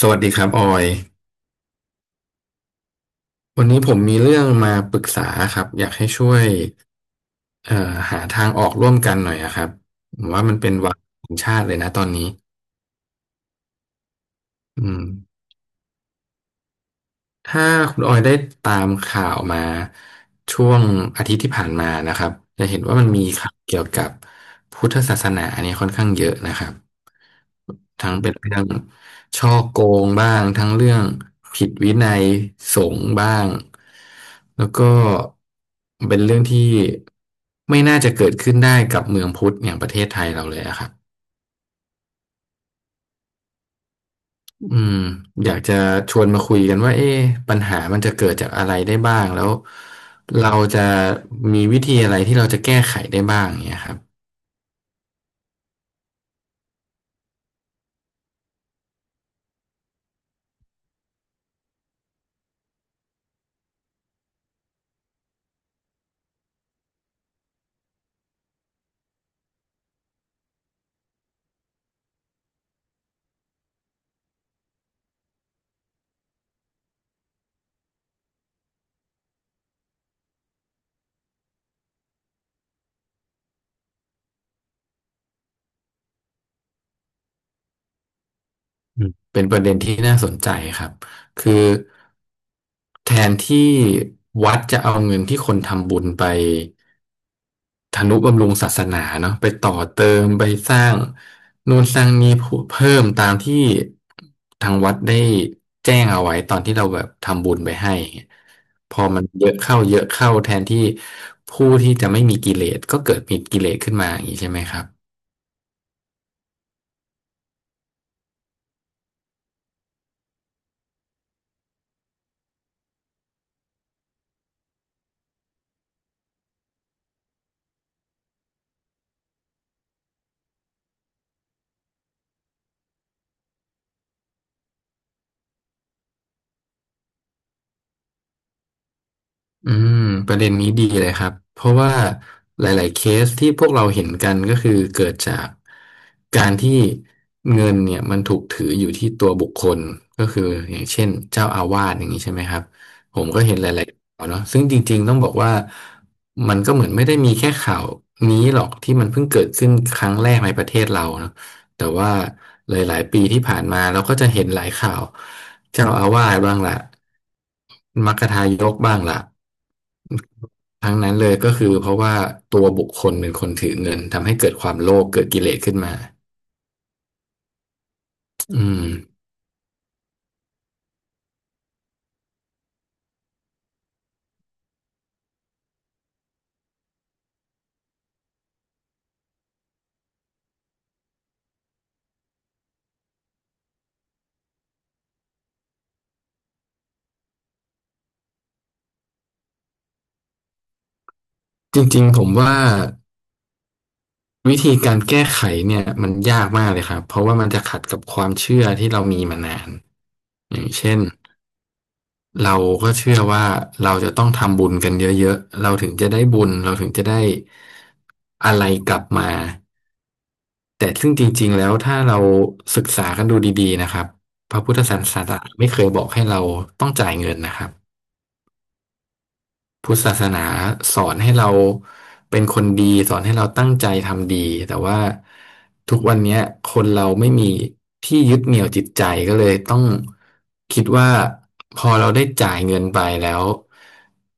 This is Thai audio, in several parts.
สวัสดีครับออยวันนี้ผมมีเรื่องมาปรึกษาครับอยากให้ช่วยเอ่อหาทางออกร่วมกันหน่อยอะครับผมว่ามันเป็นวาระของชาติเลยนะตอนนี้อืม ถ้าคุณออยได้ตามข่าวมาช่วงอาทิตย์ที่ผ่านมานะครับจะเห็นว่ามันมีข่าวเกี่ยวกับพุทธศาสนาเนี่ยค่อนข้างเยอะนะครับทั้งเป็นเรื่องฉ้อโกงบ้างทั้งเรื่องผิดวินัยสงฆ์บ้างแล้วก็เป็นเรื่องที่ไม่น่าจะเกิดขึ้นได้กับเมืองพุทธอย่างประเทศไทยเราเลยอะครับ อืมอยากจะชวนมาคุยกันว่าเอ๊ะปัญหามันจะเกิดจากอะไรได้บ้างแล้วเราจะมีวิธีอะไรที่เราจะแก้ไขได้บ้างเนี่ยครับอืมเป็นประเด็นที่น่าสนใจครับคือแทนที่วัดจะเอาเงินที่คนทำบุญไป ทนุบำรุงศาสนาเนาะไปต่อเติมไปสร้างนู่นสร้างนี่เพิ่มตามที่ทางวัดได้แจ้งเอาไว้ตอนที่เราแบบทำบุญไปให้อย่างเงี้ยพอมันเยอะเข้าเยอะเข้าแทนที่ผู้ที่จะไม่มีกิเลสก็เกิดมีกิเลสขึ้นมาอย่างนี้ใช่ไหมครับ อืมประเด็นนี้ดีเลยครับเพราะว่าหลายๆเคสที่พวกเราเห็นกันก็คือเกิดจากการที่เงินเนี่ยมันถูกถืออยู่ที่ตัวบุคคลก็คืออย่างเช่นเจ้าอาวาสอย่างนี้ใช่ไหมครับผมก็เห็นหลายๆข่าวเนาะซึ่งจริงๆต้องบอกว่ามันก็เหมือนไม่ได้มีแค่ข่าวนี้หรอกที่มันเพิ่งเกิดขึ้นครั้งแรกในประเทศเราเนาะแต่ว่าหลายๆปีที่ผ่านมาเราก็จะเห็นหลายข่าวเจ้าอาวาสบ้างล่ะมัคคทายกบ้างล่ะ ทั้งนั้นเลยก็คือเพราะว่าตัวบุคคลเป็นคนถือเงินทำให้เกิดความโลภเกิดกิเลสขึ้นมาอืมจริงๆผมว่าวิธีการแก้ไขเนี่ยมันยากมากเลยครับเพราะว่ามันจะขัดกับความเชื่อที่เรามีมานานอย่างเช่นเราก็เชื่อว่าเราจะต้องทำบุญกันเยอะๆเราถึงจะได้บุญเราถึงจะได้อะไรกลับมาแต่ซึ่งจริงๆแล้วถ้าเราศึกษากันดูดีๆนะครับพระพุทธศาสนาไม่เคยบอกให้เราต้องจ่ายเงินนะครับ พุทธศาสนาสอนให้เราเป็นคนดีสอนให้เราตั้งใจทำดีแต่ว่าทุกวันเนี้ยคนเราไม่มีที่ยึดเหนี่ยวจิตใจก็เลยต้องคิดว่าพอเราได้จ่ายเงินไปแล้ว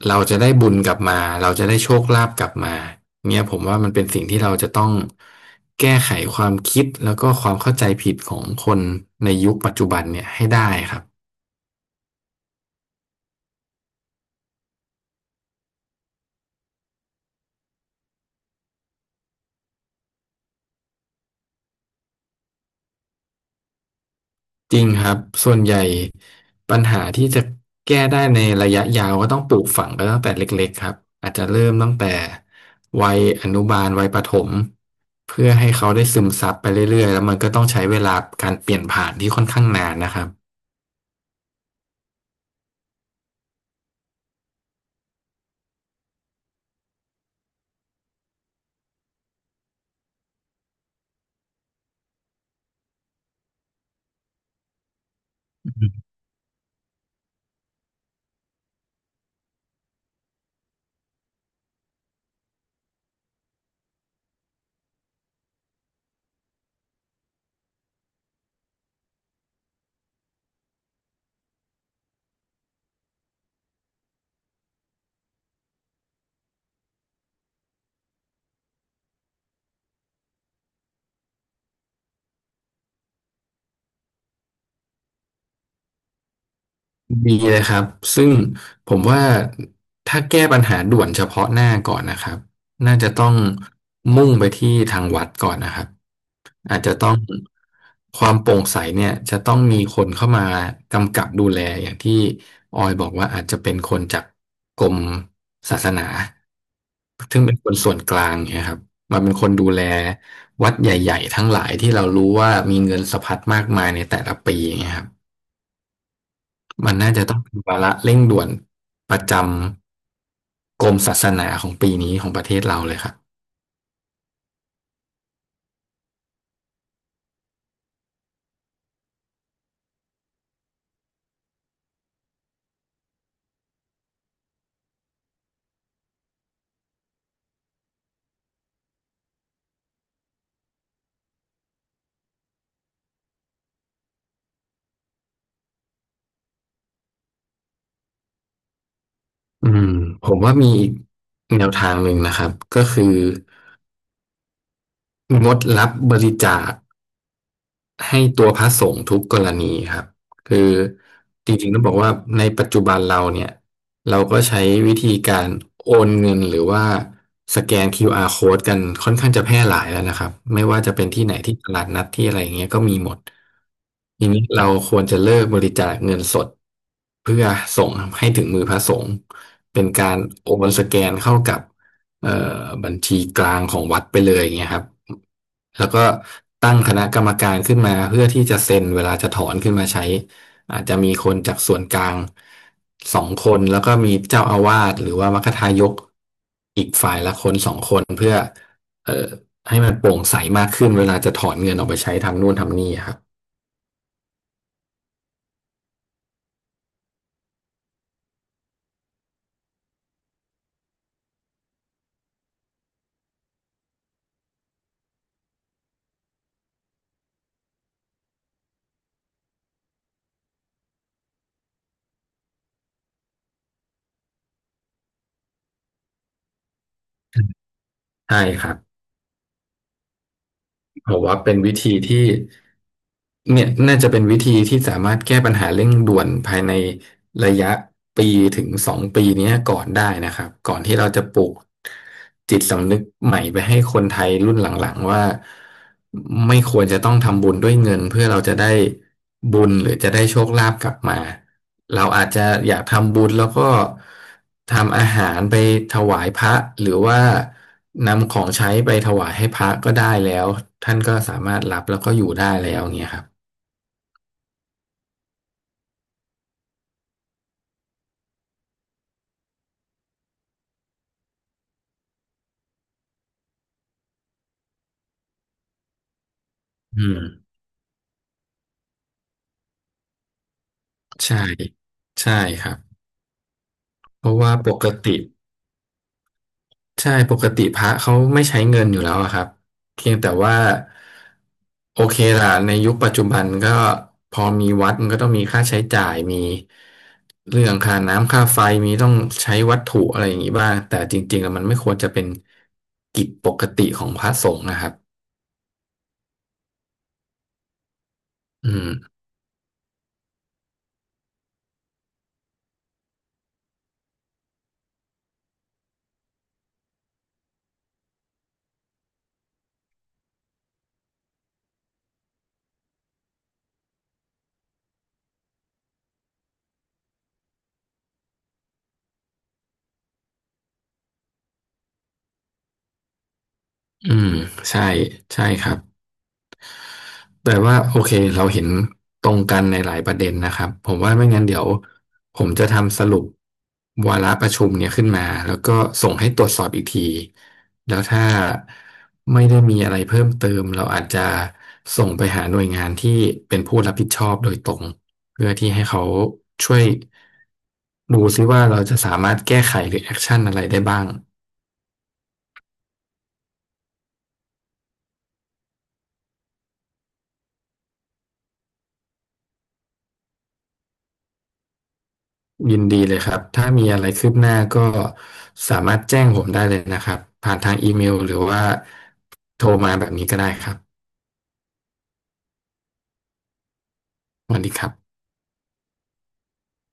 เราจะได้บุญกลับมาเราจะได้โชคลาภกลับมาเนี่ยผมว่ามันเป็นสิ่งที่เราจะต้องแก้ไขความคิดแล้วก็ความเข้าใจผิดของคนในยุคปัจจุบันเนี่ยให้ได้ครับ จริงครับส่วนใหญ่ปัญหาที่จะแก้ได้ในระยะยาวก็ต้องปลูกฝังกันตั้งแต่เล็กๆครับอาจจะเริ่มตั้งแต่วัยอนุบาลวัยประถมเพื่อให้เขาได้ซึมซับไปเรื่อยๆแล้วมันก็ต้องใช้เวลาการเปลี่ยนผ่านที่ค่อนข้างนานนะครับ มีเลยครับซึ่งผมว่าถ้าแก้ปัญหาด่วนเฉพาะหน้าก่อนนะครับน่าจะต้องมุ่งไปที่ทางวัดก่อนนะครับอาจจะต้องความโปร่งใสเนี่ยจะต้องมีคนเข้ามากำกับดูแลอย่างที่ออยบอกว่าอาจจะเป็นคนจากกรมศาสนาซึ่งเป็นคนส่วนกลางเนี่ยครับมาเป็นคนดูแลวัดใหญ่ๆทั้งหลายที่เรารู้ว่ามีเงินสะพัดมากมายในแต่ละปีอย่างเงี้ยครับ มันน่าจะต้องเป็นวาระเร่งด่วนประจำกรมศาสนาของปีนี้ของประเทศเราเลยครับอืมผมว่ามีอีกแนวทางหนึ่งนะครับก็คืองดรับบริจาค ให้ตัวพระสงฆ์ทุกกรณีครับคือจริงๆต้องบอกว่าในปัจจุบันเราเนี่ยเราก็ใช้วิธีการโอนเงินหรือว่าสแกน QR code กันค่อนข้างจะแพร่หลายแล้วนะครับไม่ว่าจะเป็นที่ไหนที่ตลาดนัดที่อะไรอย่างเงี้ยก็มีหมดทีนี้เราควรจะเลิกบริจาคเงินสดเพื่อส่งให้ถึงมือพระสงฆ์เป็นการโอนสแกนเข้ากับ เอ่อบัญชีกลางของวัดไปเลยอย่างเงี้ยครับแล้วก็ตั้งคณะกรรมการขึ้นมาเพื่อที่จะเซ็นเวลาจะถอนขึ้นมาใช้อาจจะมีคนจากส่วนกลางสองคนแล้วก็มีเจ้าอาวาสหรือว่ามัคคทายกอีกฝ่ายละ1-2 คนเอ่อให้มันโปร่งใสมากขึ้นเวลาจะถอนเงินออกไปใช้ทำนู่นทำนี่ครับใช่ครับ ผมว่าเป็นวิธีที่เนี่ยน่าจะเป็นวิธีที่สามารถแก้ปัญหาเร่งด่วนภายในระยะ1 ถึง 2 ปีเนี้ยก่อนได้นะครับก่อนที่เราจะปลูกจิตสำนึกใหม่ไปให้คนไทยรุ่นหลังๆว่าไม่ควรจะต้องทำบุญด้วยเงินเพื่อเราจะได้บุญหรือจะได้โชคลาภกลับมาเราอาจจะอยากทำบุญแล้วก็ ทำอาหารไปถวายพระหรือว่านำของใช้ไปถวายให้พระก็ได้แล้วท่านก็สามารถรับแล้วก็อยู่ได้แล้วอย่างเงี้ยครับอืมใช่ใช่ครับเพราะว่าปกติ ใช่ปกติพระเขาไม่ใช้เงินอยู่แล้วอะครับเพียงแต่ว่าโอเคล่ะในยุคปัจจุบันก็พอมีวัดมันก็ต้องมีค่าใช้จ่ายมีเรื่องค่าน้ำค่าไฟมีต้องใช้วัตถุอะไรอย่างนี้บ้างแต่จริงๆแล้วมันไม่ควรจะเป็นกิจปกติของพระสงฆ์นะครับอืมอืมใช่ใช่ครับ แต่ว่าโอเคเราเห็นตรงกันในหลายประเด็นนะครับผมว่าไม่งั้นเดี๋ยวผมจะทำสรุปวาระประชุมเนี่ยขึ้นมาแล้วก็ส่งให้ตรวจสอบอีกทีแล้วถ้าไม่ได้มีอะไรเพิ่มเติมเราอาจจะส่งไปหาหน่วยงานที่เป็นผู้รับผิดชอบโดยตรงเพื่อที่ให้เขาช่วยดูซิว่าเราจะสามารถแก้ไขหรือแอคชั่นอะไรได้บ้าง ยินดีเลยครับ ถ้ามีอะไรคืบหน้าก็สามารถแจ้งผมได้เลยนะครับ ผ่านทางอีเมลหรือว่าโทรมาแบบนี้ก็ได้ครับสวัสดีครับ